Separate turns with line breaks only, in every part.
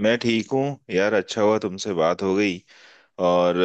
मैं ठीक हूँ। यार अच्छा हुआ तुमसे बात हो गई। और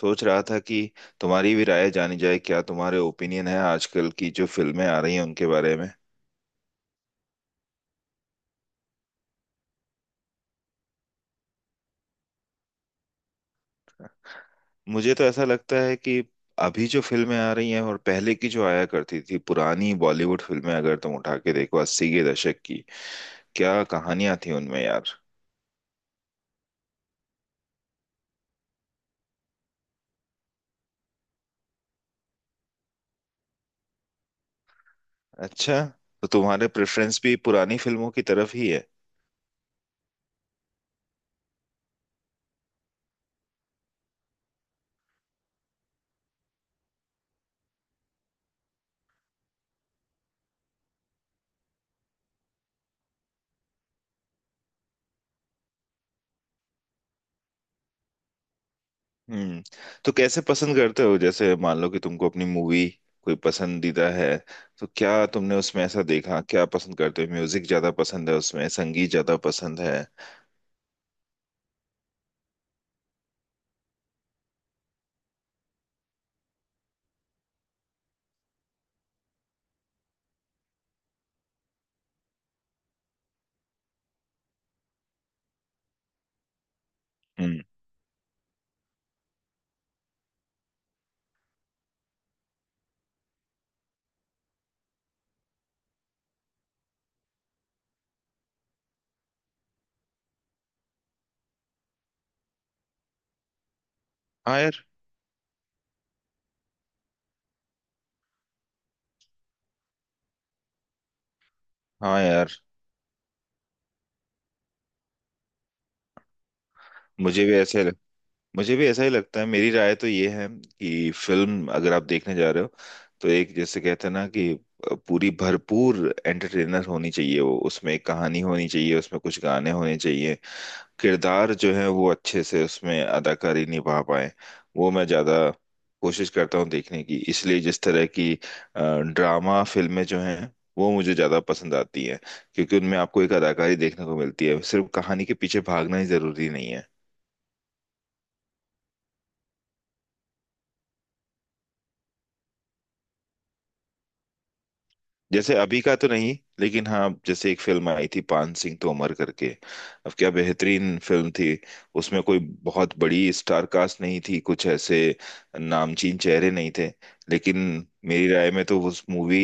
सोच रहा था कि तुम्हारी भी राय जानी जाए, क्या तुम्हारे ओपिनियन है आजकल की जो फिल्में आ रही हैं उनके बारे में। मुझे तो ऐसा लगता है कि अभी जो फिल्में आ रही हैं और पहले की जो आया करती थी पुरानी बॉलीवुड फिल्में, अगर तुम उठा के देखो 80 के दशक की, क्या कहानियां थी उनमें यार। अच्छा, तो तुम्हारे प्रेफरेंस भी पुरानी फिल्मों की तरफ ही है। हम्म। तो कैसे पसंद करते हो, जैसे मान लो कि तुमको अपनी मूवी कोई पसंदीदा है, तो क्या तुमने उसमें ऐसा देखा, क्या पसंद करते हो, म्यूजिक ज्यादा पसंद है उसमें, संगीत ज्यादा पसंद है। हम्म। हाँ यार। हाँ यार। मुझे भी ऐसे लग, मुझे भी ऐसा ही लगता है। मेरी राय तो ये है कि फिल्म अगर आप देखने जा रहे हो, तो एक, जैसे कहते हैं ना कि, पूरी भरपूर एंटरटेनर होनी चाहिए वो, उसमें एक कहानी होनी चाहिए, उसमें कुछ गाने होने चाहिए, किरदार जो है वो अच्छे से उसमें अदाकारी निभा पाए। वो मैं ज्यादा कोशिश करता हूँ देखने की, इसलिए जिस तरह की अ, ड्रामा फिल्में जो हैं वो मुझे ज्यादा पसंद आती हैं, क्योंकि उनमें आपको एक अदाकारी देखने को मिलती है, सिर्फ कहानी के पीछे भागना ही जरूरी नहीं है। जैसे अभी का तो नहीं, लेकिन हाँ, जैसे एक फिल्म आई थी पान सिंह तोमर करके। अब क्या बेहतरीन फिल्म थी। उसमें कोई बहुत बड़ी स्टार कास्ट नहीं थी, कुछ ऐसे नामचीन चेहरे नहीं थे, लेकिन मेरी राय में तो उस मूवी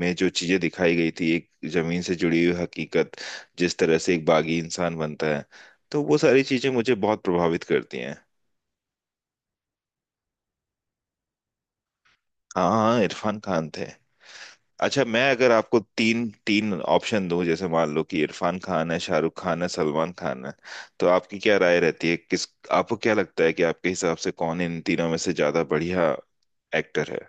में जो चीजें दिखाई गई थी, एक जमीन से जुड़ी हुई हकीकत, जिस तरह से एक बागी इंसान बनता है, तो वो सारी चीजें मुझे बहुत प्रभावित करती हैं। हाँ हाँ, इरफान खान थे। अच्छा, मैं अगर आपको तीन तीन ऑप्शन दूं, जैसे मान लो कि इरफान खान है, शाहरुख खान है, सलमान खान है, तो आपकी क्या राय रहती है, किस आपको क्या लगता है कि आपके हिसाब से कौन इन तीनों में से ज्यादा बढ़िया एक्टर है।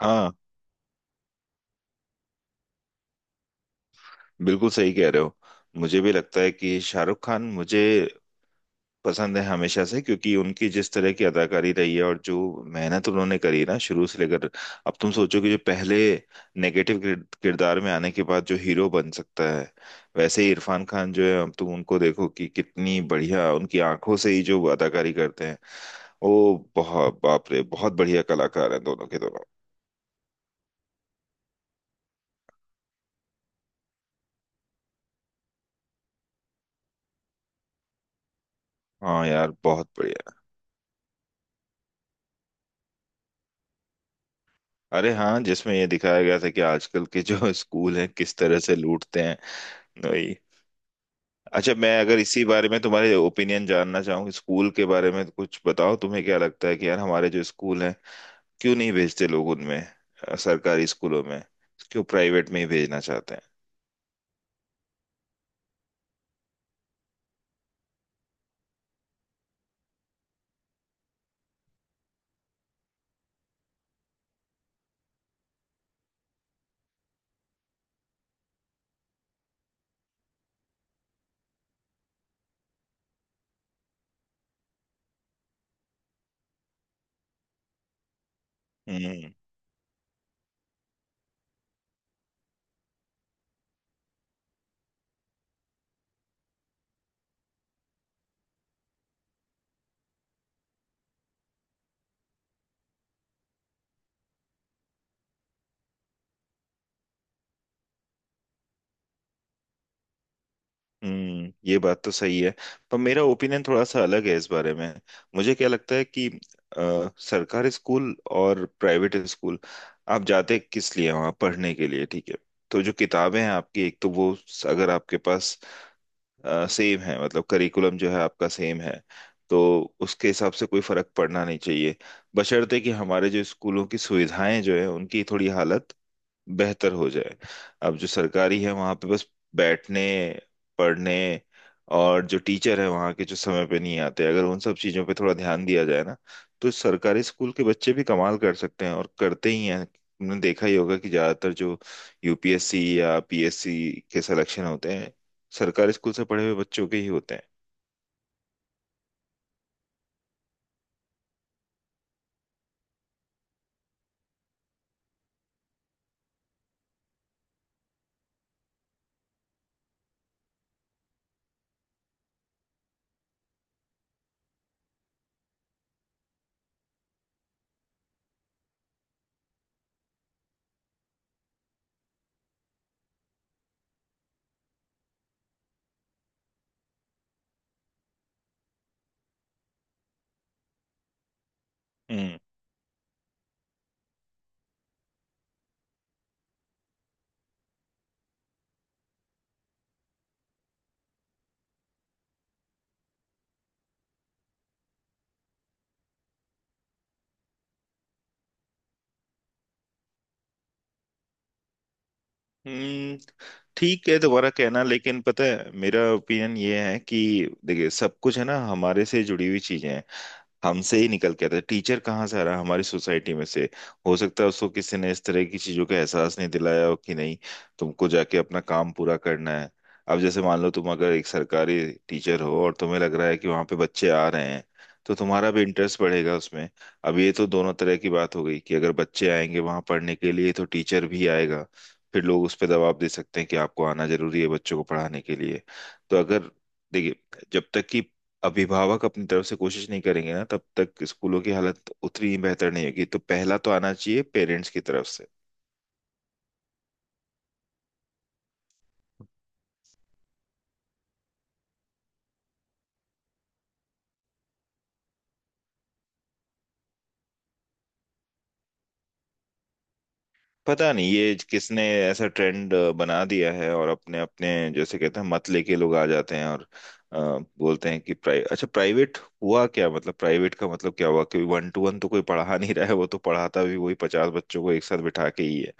हाँ, बिल्कुल सही कह रहे हो। मुझे भी लगता है कि शाहरुख खान मुझे पसंद है हमेशा से, क्योंकि उनकी जिस तरह की अदाकारी रही है और जो मेहनत उन्होंने करी ना शुरू से लेकर अब, तुम सोचो कि जो पहले नेगेटिव किरदार में आने के बाद जो हीरो बन सकता है। वैसे ही इरफान खान जो है, अब तुम उनको देखो कि कितनी बढ़िया उनकी आंखों से ही जो अदाकारी करते हैं वो। बहुत, बाप रे, बहुत बढ़िया कलाकार हैं दोनों के दोनों। हाँ यार, बहुत बढ़िया। अरे हाँ, जिसमें ये दिखाया गया था कि आजकल के जो स्कूल हैं किस तरह से लूटते हैं। वही। अच्छा, मैं अगर इसी बारे में तुम्हारे ओपिनियन जानना चाहूँ, स्कूल के बारे में कुछ बताओ, तुम्हें क्या लगता है कि यार हमारे जो स्कूल हैं, क्यों नहीं भेजते लोग उनमें, सरकारी स्कूलों में, क्यों प्राइवेट में ही भेजना चाहते हैं? हम्म। ये बात तो सही है, पर मेरा ओपिनियन थोड़ा सा अलग है इस बारे में। मुझे क्या लगता है कि सरकारी स्कूल और प्राइवेट स्कूल, आप जाते किस लिए हैं वहाँ, पढ़ने के लिए, ठीक है। तो जो किताबें हैं आपकी, एक तो वो अगर आपके पास सेम है, मतलब करिकुलम जो है आपका सेम है, तो उसके हिसाब से कोई फर्क पड़ना नहीं चाहिए, बशर्ते कि हमारे जो स्कूलों की सुविधाएं जो है उनकी थोड़ी हालत बेहतर हो जाए। अब जो सरकारी है वहां पे बस बैठने, पढ़ने, और जो टीचर है वहां के जो समय पे नहीं आते, अगर उन सब चीजों पे थोड़ा ध्यान दिया जाए ना, तो सरकारी स्कूल के बच्चे भी कमाल कर सकते हैं, और करते ही हैं। तुमने देखा ही होगा कि ज्यादातर जो यूपीएससी या पीएससी के सिलेक्शन होते हैं, सरकारी स्कूल से पढ़े हुए बच्चों के ही होते हैं। हम्म। हम्म, ठीक है तुम्हारा कहना, लेकिन पता है मेरा ओपिनियन ये है कि, देखिए, सब कुछ है ना हमारे से जुड़ी हुई चीजें हैं, हमसे ही निकल के आता है टीचर, कहाँ से आ रहा है? हमारी सोसाइटी में से। हो सकता है उसको किसी ने इस तरह की चीजों का एहसास नहीं दिलाया हो कि नहीं, तुमको जाके अपना काम पूरा करना है। अब जैसे मान लो तुम अगर एक सरकारी टीचर हो और तुम्हें लग रहा है कि वहां पे बच्चे आ रहे हैं, तो तुम्हारा भी इंटरेस्ट बढ़ेगा उसमें। अब ये तो दोनों तरह की बात हो गई कि अगर बच्चे आएंगे वहां पढ़ने के लिए तो टीचर भी आएगा, फिर लोग उस पर दबाव दे सकते हैं कि आपको आना जरूरी है बच्चों को पढ़ाने के लिए। तो अगर, देखिए, जब तक कि अभिभावक अपनी तरफ से कोशिश नहीं करेंगे ना, तब तक स्कूलों की हालत उतनी ही बेहतर नहीं होगी, तो पहला तो आना चाहिए पेरेंट्स की तरफ से। पता नहीं ये किसने ऐसा ट्रेंड बना दिया है, और अपने अपने जैसे कहते हैं, मत लेके लोग आ जाते हैं, और बोलते हैं कि प्राइ अच्छा, प्राइवेट हुआ क्या, मतलब प्राइवेट का मतलब क्या हुआ कि वन टू वन तो कोई पढ़ा नहीं रहा है, वो तो पढ़ाता भी वही 50 बच्चों को एक साथ बिठा के ही है।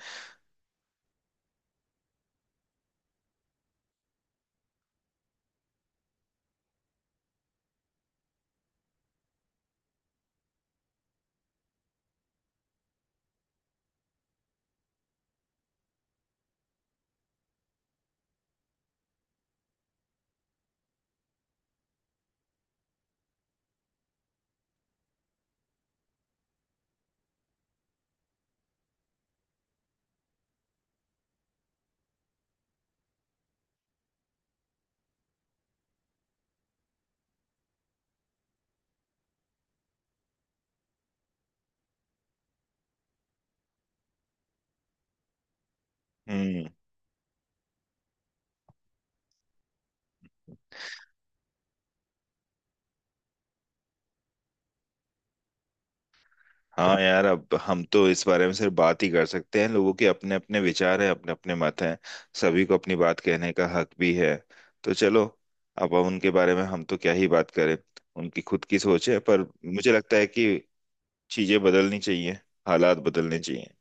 हम्म। हाँ यार, अब हम तो इस बारे में सिर्फ बात ही कर सकते हैं, लोगों के अपने अपने विचार हैं, अपने अपने मत हैं, सभी को अपनी बात कहने का हक भी है। तो चलो, अब हम उनके बारे में हम तो क्या ही बात करें, उनकी खुद की सोच है। पर मुझे लगता है कि चीजें बदलनी चाहिए, हालात बदलने चाहिए।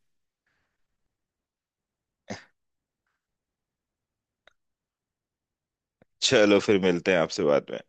चलो फिर मिलते हैं आपसे बाद में।